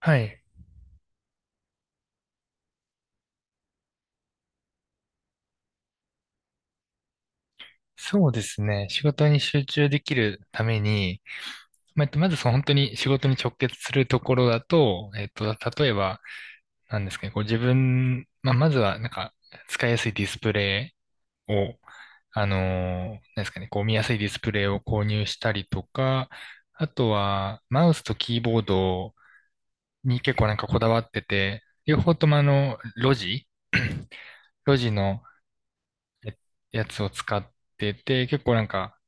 はい。そうですね。仕事に集中できるために、まあまずその本当に仕事に直結するところだと、例えば、なんですかね、こう自分、まあ、まずはなんか使いやすいディスプレイを、なんですかね、こう見やすいディスプレイを購入したりとか、あとはマウスとキーボードに結構なんかこだわってて、両方ともロジ ロジ のえやつを使ってて、結構なんか、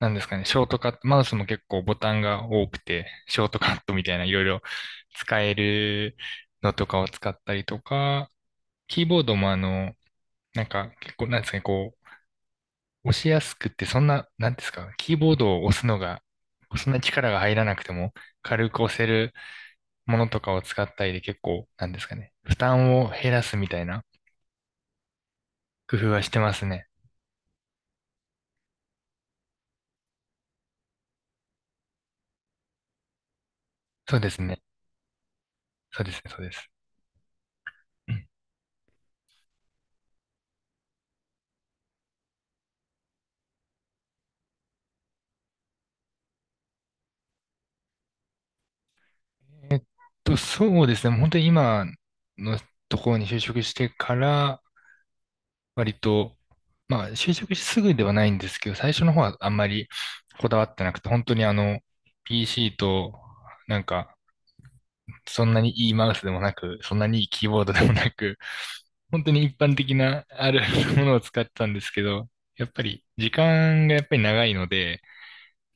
なんですかね、ショートカット、マウスも結構ボタンが多くて、ショートカットみたいないろいろ使えるのとかを使ったりとか、キーボードもなんか結構なんですかね、こう、押しやすくってそんな、なんですか、キーボードを押すのが、そんな力が入らなくても軽く押せるものとかを使ったりで結構、なんですかね、負担を減らすみたいな工夫はしてますね。そうですね。そうですね、そうです。うんそうですね。本当に今のところに就職してから、割と、まあ、就職してすぐではないんですけど、最初の方はあんまりこだわってなくて、本当にPC と、なんか、そんなにいいマウスでもなく、そんなにいいキーボードでもなく、本当に一般的なある ものを使ってたんですけど、やっぱり時間がやっぱり長いので、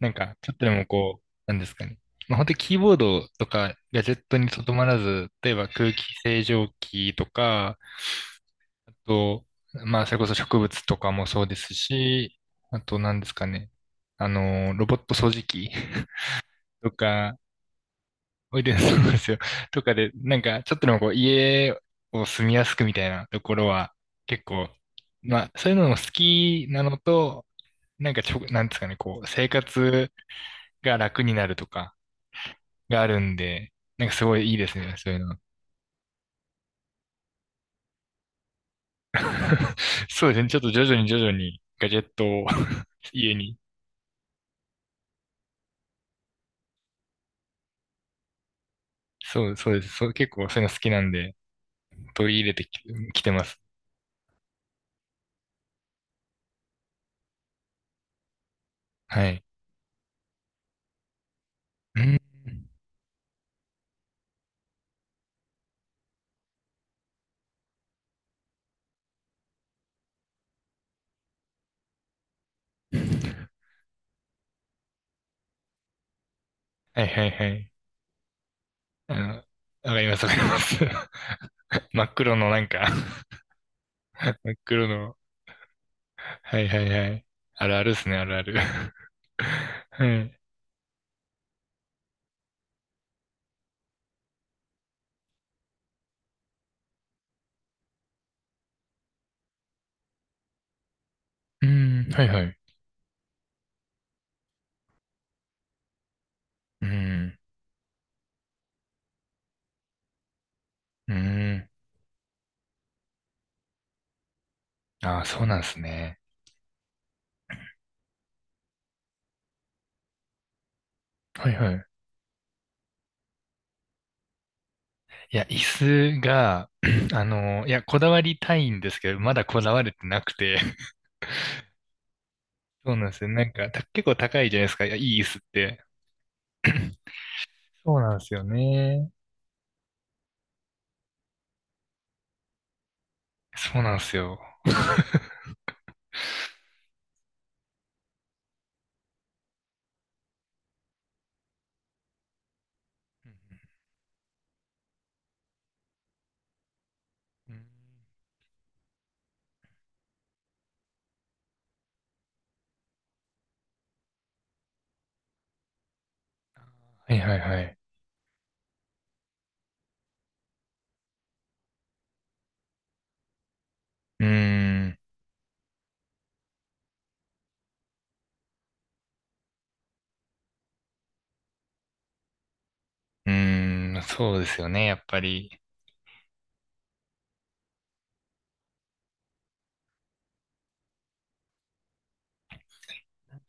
なんか、ちょっとでもこう、なんですかね。まあ、本当にキーボードとかガジェットにとどまらず、例えば空気清浄機とか、あと、まあ、それこそ植物とかもそうですし、あと、なんですかね。ロボット掃除機 とか、おいで、そうなんですよ。とかで、なんか、ちょっとでもこう、家を住みやすくみたいなところは、結構、まあ、そういうのも好きなのと、なんかなんですかね、こう、生活が楽になるとか、があるんで、なんかすごいいいですね、そういうの。そうですね、ちょっと徐々に徐々にガジェットを 家に。そう、そうです。そう、結構そういうの好きなんで、取り入れてき、きてます。はい。うん。はいはいはい。わかりますわかります。真っ黒のなんか 真っ黒の。はいはいはい。あるあるですね、あるある。はい。うん、はいはい。うん、うん。ああ、そうなんですね。はいはい。いや、椅子が、いや、こだわりたいんですけど、まだこだわれてなくて。そうなんですよ。なんか、結構高いじゃないですか。いや、いい椅子って。そうなんですよね。そうなんですよ。うんうんはいはいはい。うーん、うーん、そうですよね、やっぱり。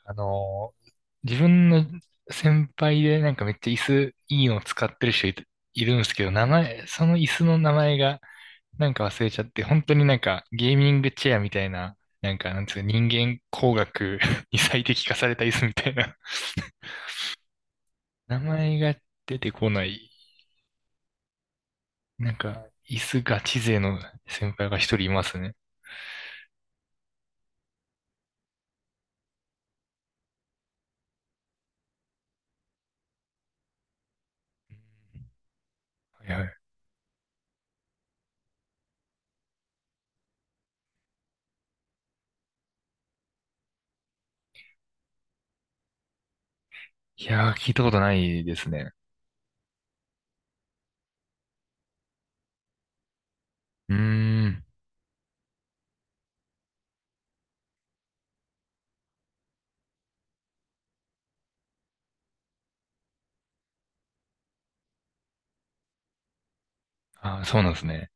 あの、自分の先輩でなんかめっちゃ椅子いいの使ってる人いるんですけど、名前、その椅子の名前がなんか忘れちゃって、本当になんかゲーミングチェアみたいな、なんかなんつうか人間工学 に最適化された椅子みたいな。名前が出てこない、なんか椅子ガチ勢の先輩が一人いますね。はいはい。いやー、聞いたことないですね。うーん。あー、そうなんですね。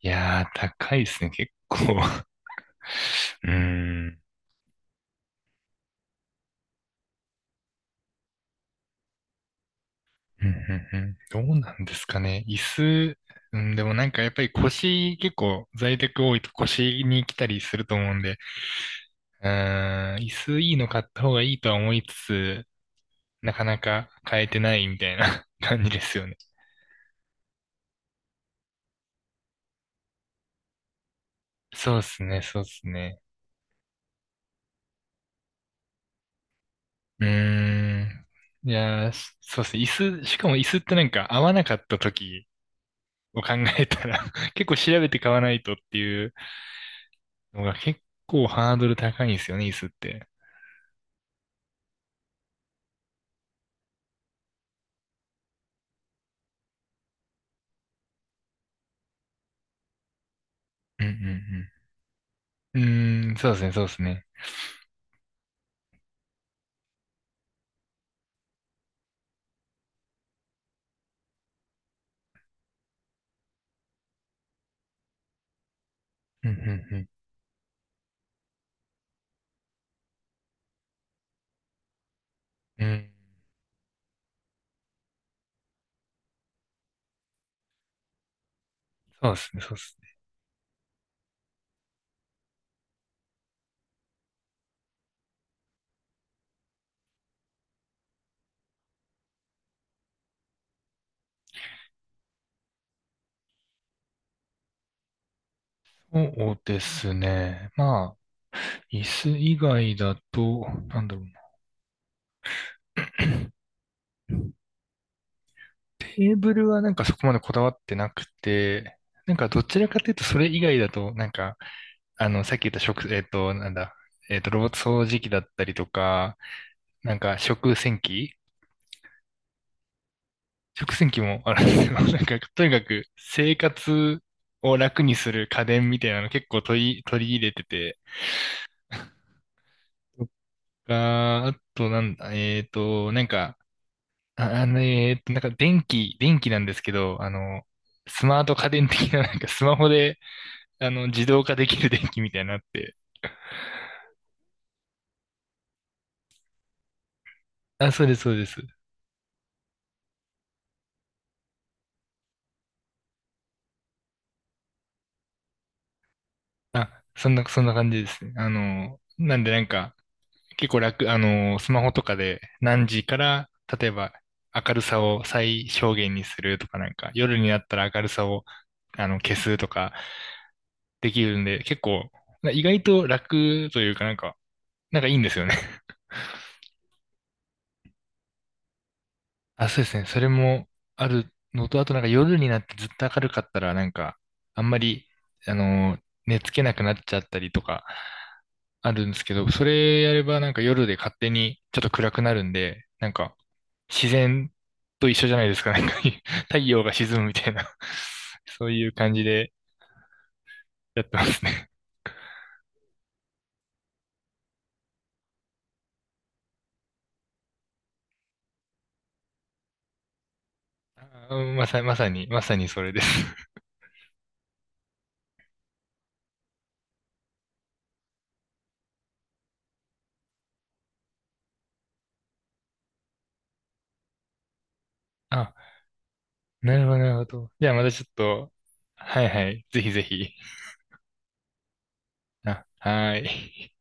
いやー、高いですね、結構。うーん。うんうんうんどうなんですかね。椅子、うん、でもなんかやっぱり腰、結構在宅多いと腰に来たりすると思うんで、うーん、椅子いいの買った方がいいとは思いつつ、なかなか買えてないみたいな 感じですよね。そうですね、そうですね。うーん。いやー、しそうですね。椅子、しかも椅子ってなんか合わなかった時を考えたら 結構調べて買わないとっていうのが結構ハードル高いんですよね、椅子って。うんうんうん。うーん、そうですね、そうですね。うん、うん、うん。うん、そうですね、そうですね。そうですね。まあ、椅子以外だと、なんだろうな。テーブルはなんかそこまでこだわってなくて、なんかどちらかというとそれ以外だと、なんか、さっき言った食、えっと、なんだ、えっと、ロボット掃除機だったりとか、なんか食洗機もあるんですよ。なんか、とにかく生活を楽にする家電みたいなの結構取り入れてて、とか、あとなんだ、なんか、あ、なんか電気なんですけど、スマート家電的な、なんかスマホで、自動化できる電気みたいなのあって。あ、そうです、そうです。あ、そんな感じですね。なんでなんか、結構楽、スマホとかで何時から、例えば明るさを最小限にするとかなんか、夜になったら明るさを、消すとかできるんで、結構、意外と楽というかなんか、なんかいいんですよね。あ、そうですね。それもあるのと、あとなんか夜になってずっと明るかったら、なんか、あんまり、あのー、寝つけなくなっちゃったりとか、あるんですけど、それやればなんか夜で勝手にちょっと暗くなるんで、なんか、自然と一緒じゃないですか。なんか、太陽が沈むみたいな、そういう感じでやってますね。あまさ、まさに、まさにそれです。あ、なるほど、なるほど。じゃあまたちょっと、はいはい、ぜひぜひ。あ、はーい。